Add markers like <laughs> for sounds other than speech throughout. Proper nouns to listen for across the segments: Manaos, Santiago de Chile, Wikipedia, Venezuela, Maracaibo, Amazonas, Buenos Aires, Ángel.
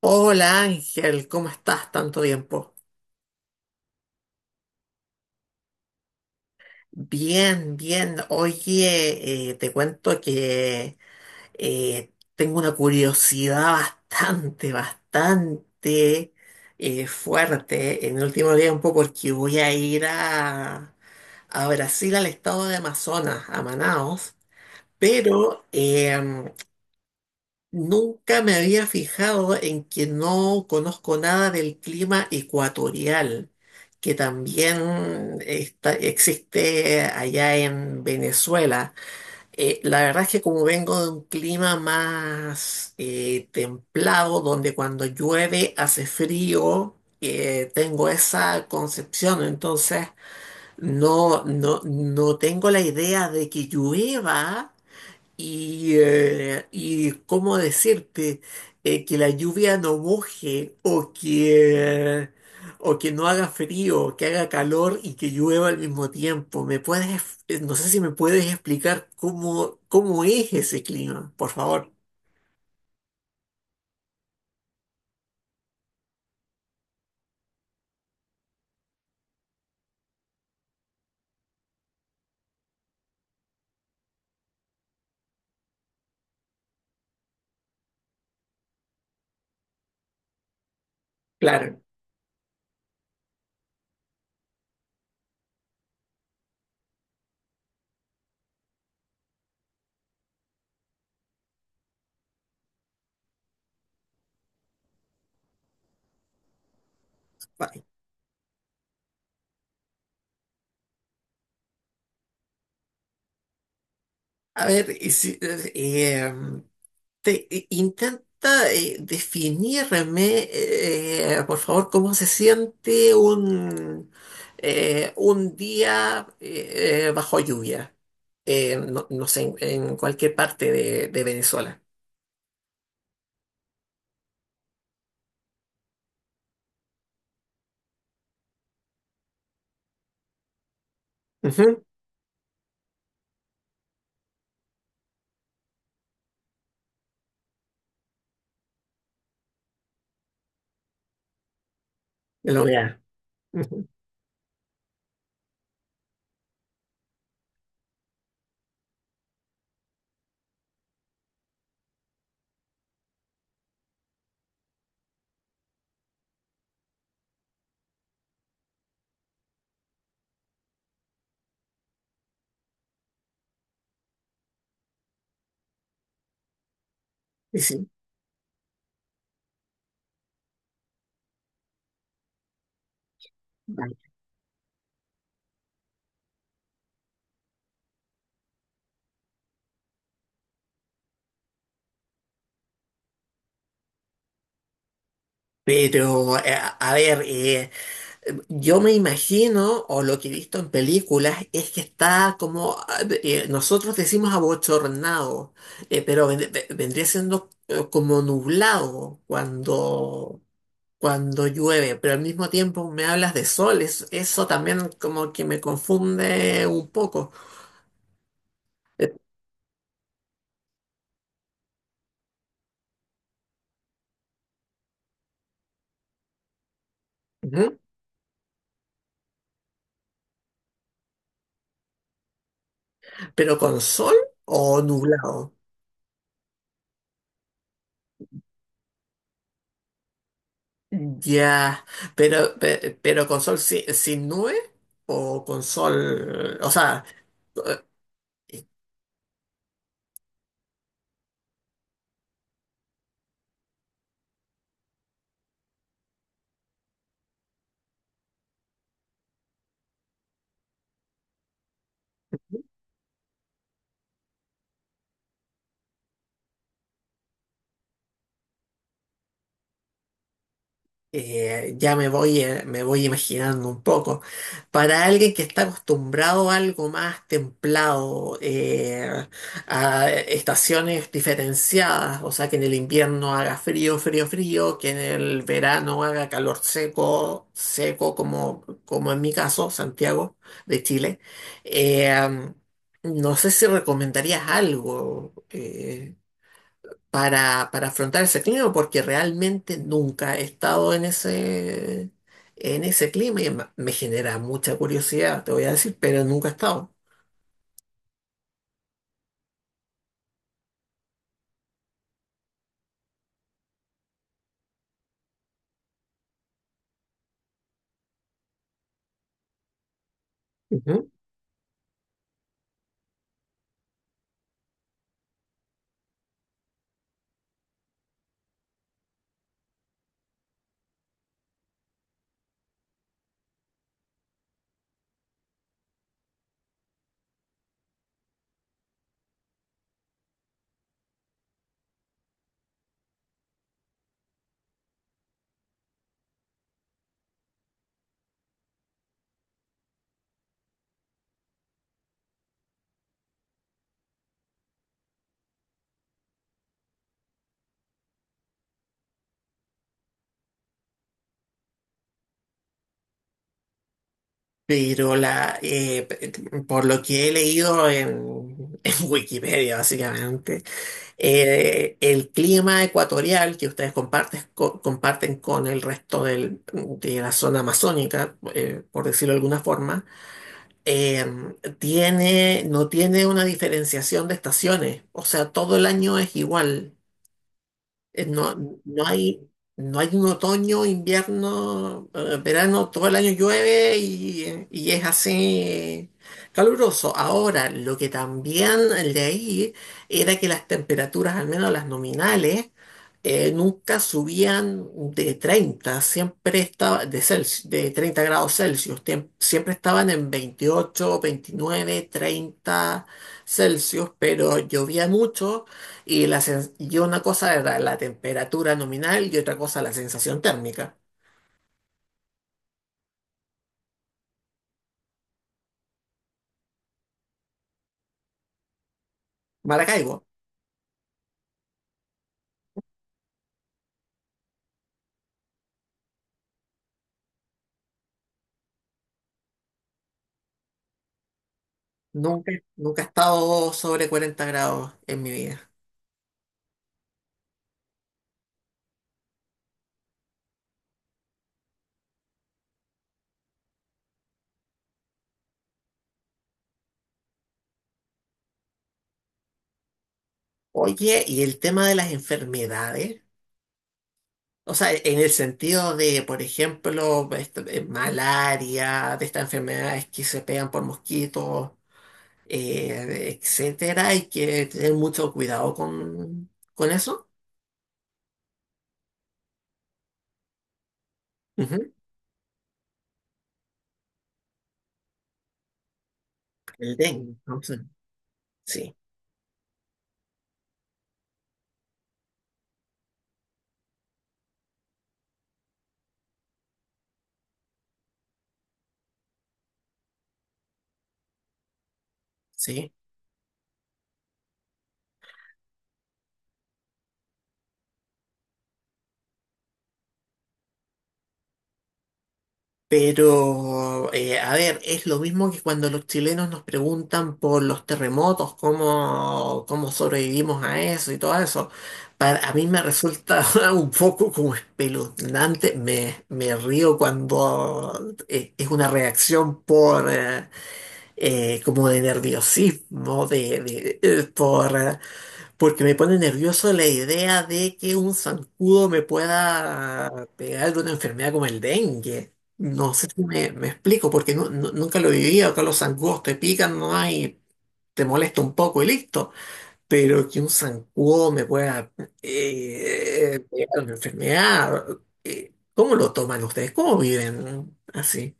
Hola Ángel, ¿cómo estás? Tanto tiempo. Bien, bien. Oye, te cuento que tengo una curiosidad bastante fuerte en el último tiempo porque voy a ir a Brasil, al estado de Amazonas, a Manaos, pero nunca me había fijado en que no conozco nada del clima ecuatorial, que también existe allá en Venezuela. La verdad es que como vengo de un clima más templado, donde cuando llueve hace frío, tengo esa concepción, entonces no tengo la idea de que llueva y cómo decirte que la lluvia no moje, o que no haga frío, que haga calor y que llueva al mismo tiempo. ¿Me puedes, no sé si me puedes explicar cómo es ese clima, por favor? Claro. Vale. A ver, y intenta definirme, por favor, cómo se siente un día bajo lluvia. No, no sé, en cualquier parte de Venezuela. Ujú, en la humedad. Ujú, y sí. Vale. Pero, a ver, yo me imagino, o lo que he visto en películas, es que está como, nosotros decimos abochornado, pero vendría siendo como nublado cuando llueve, pero al mismo tiempo me hablas de sol, eso también como que me confunde un poco. Eh, ujú, ¿Pero con sol o nublado? Ya, pero, pero con sol sin nube o con sol, o sea... eh, ya me voy imaginando un poco. Para alguien que está acostumbrado a algo más templado, a estaciones diferenciadas, o sea, que en el invierno haga frío, frío, frío, que en el verano haga calor seco, seco, como en mi caso, Santiago de Chile, eh, no sé si recomendarías algo. Para afrontar ese clima, porque realmente nunca he estado en en ese clima y me genera mucha curiosidad, te voy a decir, pero nunca he estado. Ujú. Pero por lo que he leído en, <laughs> en Wikipedia, básicamente, el clima ecuatorial que ustedes comparten, comparten con el resto de la zona amazónica, por decirlo de alguna forma, no tiene una diferenciación de estaciones, o sea, todo el año es igual. No, no hay, no hay un otoño, invierno, verano, todo el año llueve y es así caluroso. Ahora, lo que también leí era que las temperaturas, al menos las nominales, nunca subían de 30, siempre estaba de Celsius, de 30 grados Celsius, siempre estaban en 28, 29, 30 Celsius, pero llovía mucho y, y una cosa era la temperatura nominal y otra cosa la sensación térmica. Maracaibo, nunca he estado sobre 40 grados en mi vida. Oye, y el tema de las enfermedades, o sea, en el sentido de, por ejemplo, malaria, de estas enfermedades que se pegan por mosquitos, etcétera, hay que tener mucho cuidado con eso. Ujú. El dengue, entonces, sí, sí. Pero, a ver, es lo mismo que cuando los chilenos nos preguntan por los terremotos, cómo sobrevivimos a eso y todo eso. A mí me resulta <laughs> un poco como espeluznante, me río cuando es una reacción como de nerviosismo, porque me pone nervioso la idea de que un zancudo me pueda pegar de una enfermedad como el dengue. No sé si me explico, porque nunca lo viví. Acá los zancudos te pican nomás y te molesta un poco y listo. Pero que un zancudo me pueda pegar una enfermedad, ¿cómo lo toman ustedes? ¿Cómo viven así?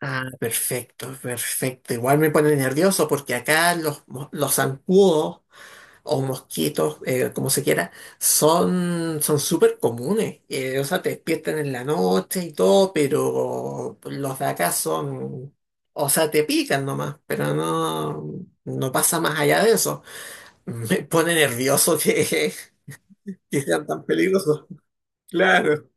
Ah, perfecto, perfecto. Igual me pone nervioso porque acá los zancudos. O mosquitos, como se quiera, son súper comunes. O sea, te despiertan en la noche y todo, pero los de acá son, o sea, te pican nomás, pero no pasa más allá de eso. Me pone nervioso que, <laughs> que sean tan peligrosos. Claro,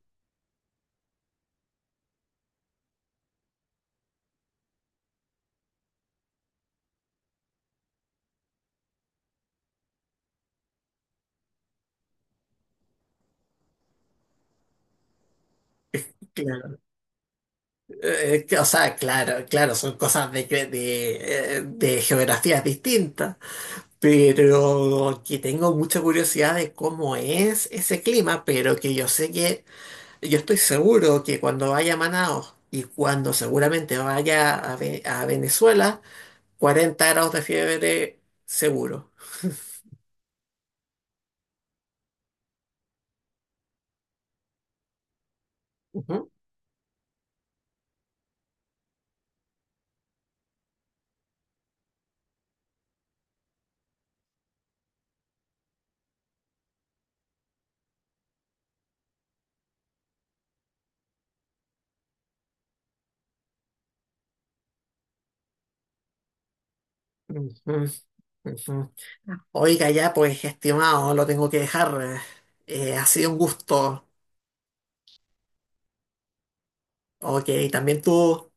claro. O sea, claro, claro, son cosas de geografías distintas. Pero que tengo mucha curiosidad de cómo es ese clima, pero que yo sé que, yo estoy seguro que cuando vaya a Manaos y cuando seguramente vaya a Venezuela, 40 grados de fiebre seguro. Ujú, ujú, ujú. Oiga, ya pues, estimado, lo tengo que dejar. Ha sido un gusto. Ok, también tú.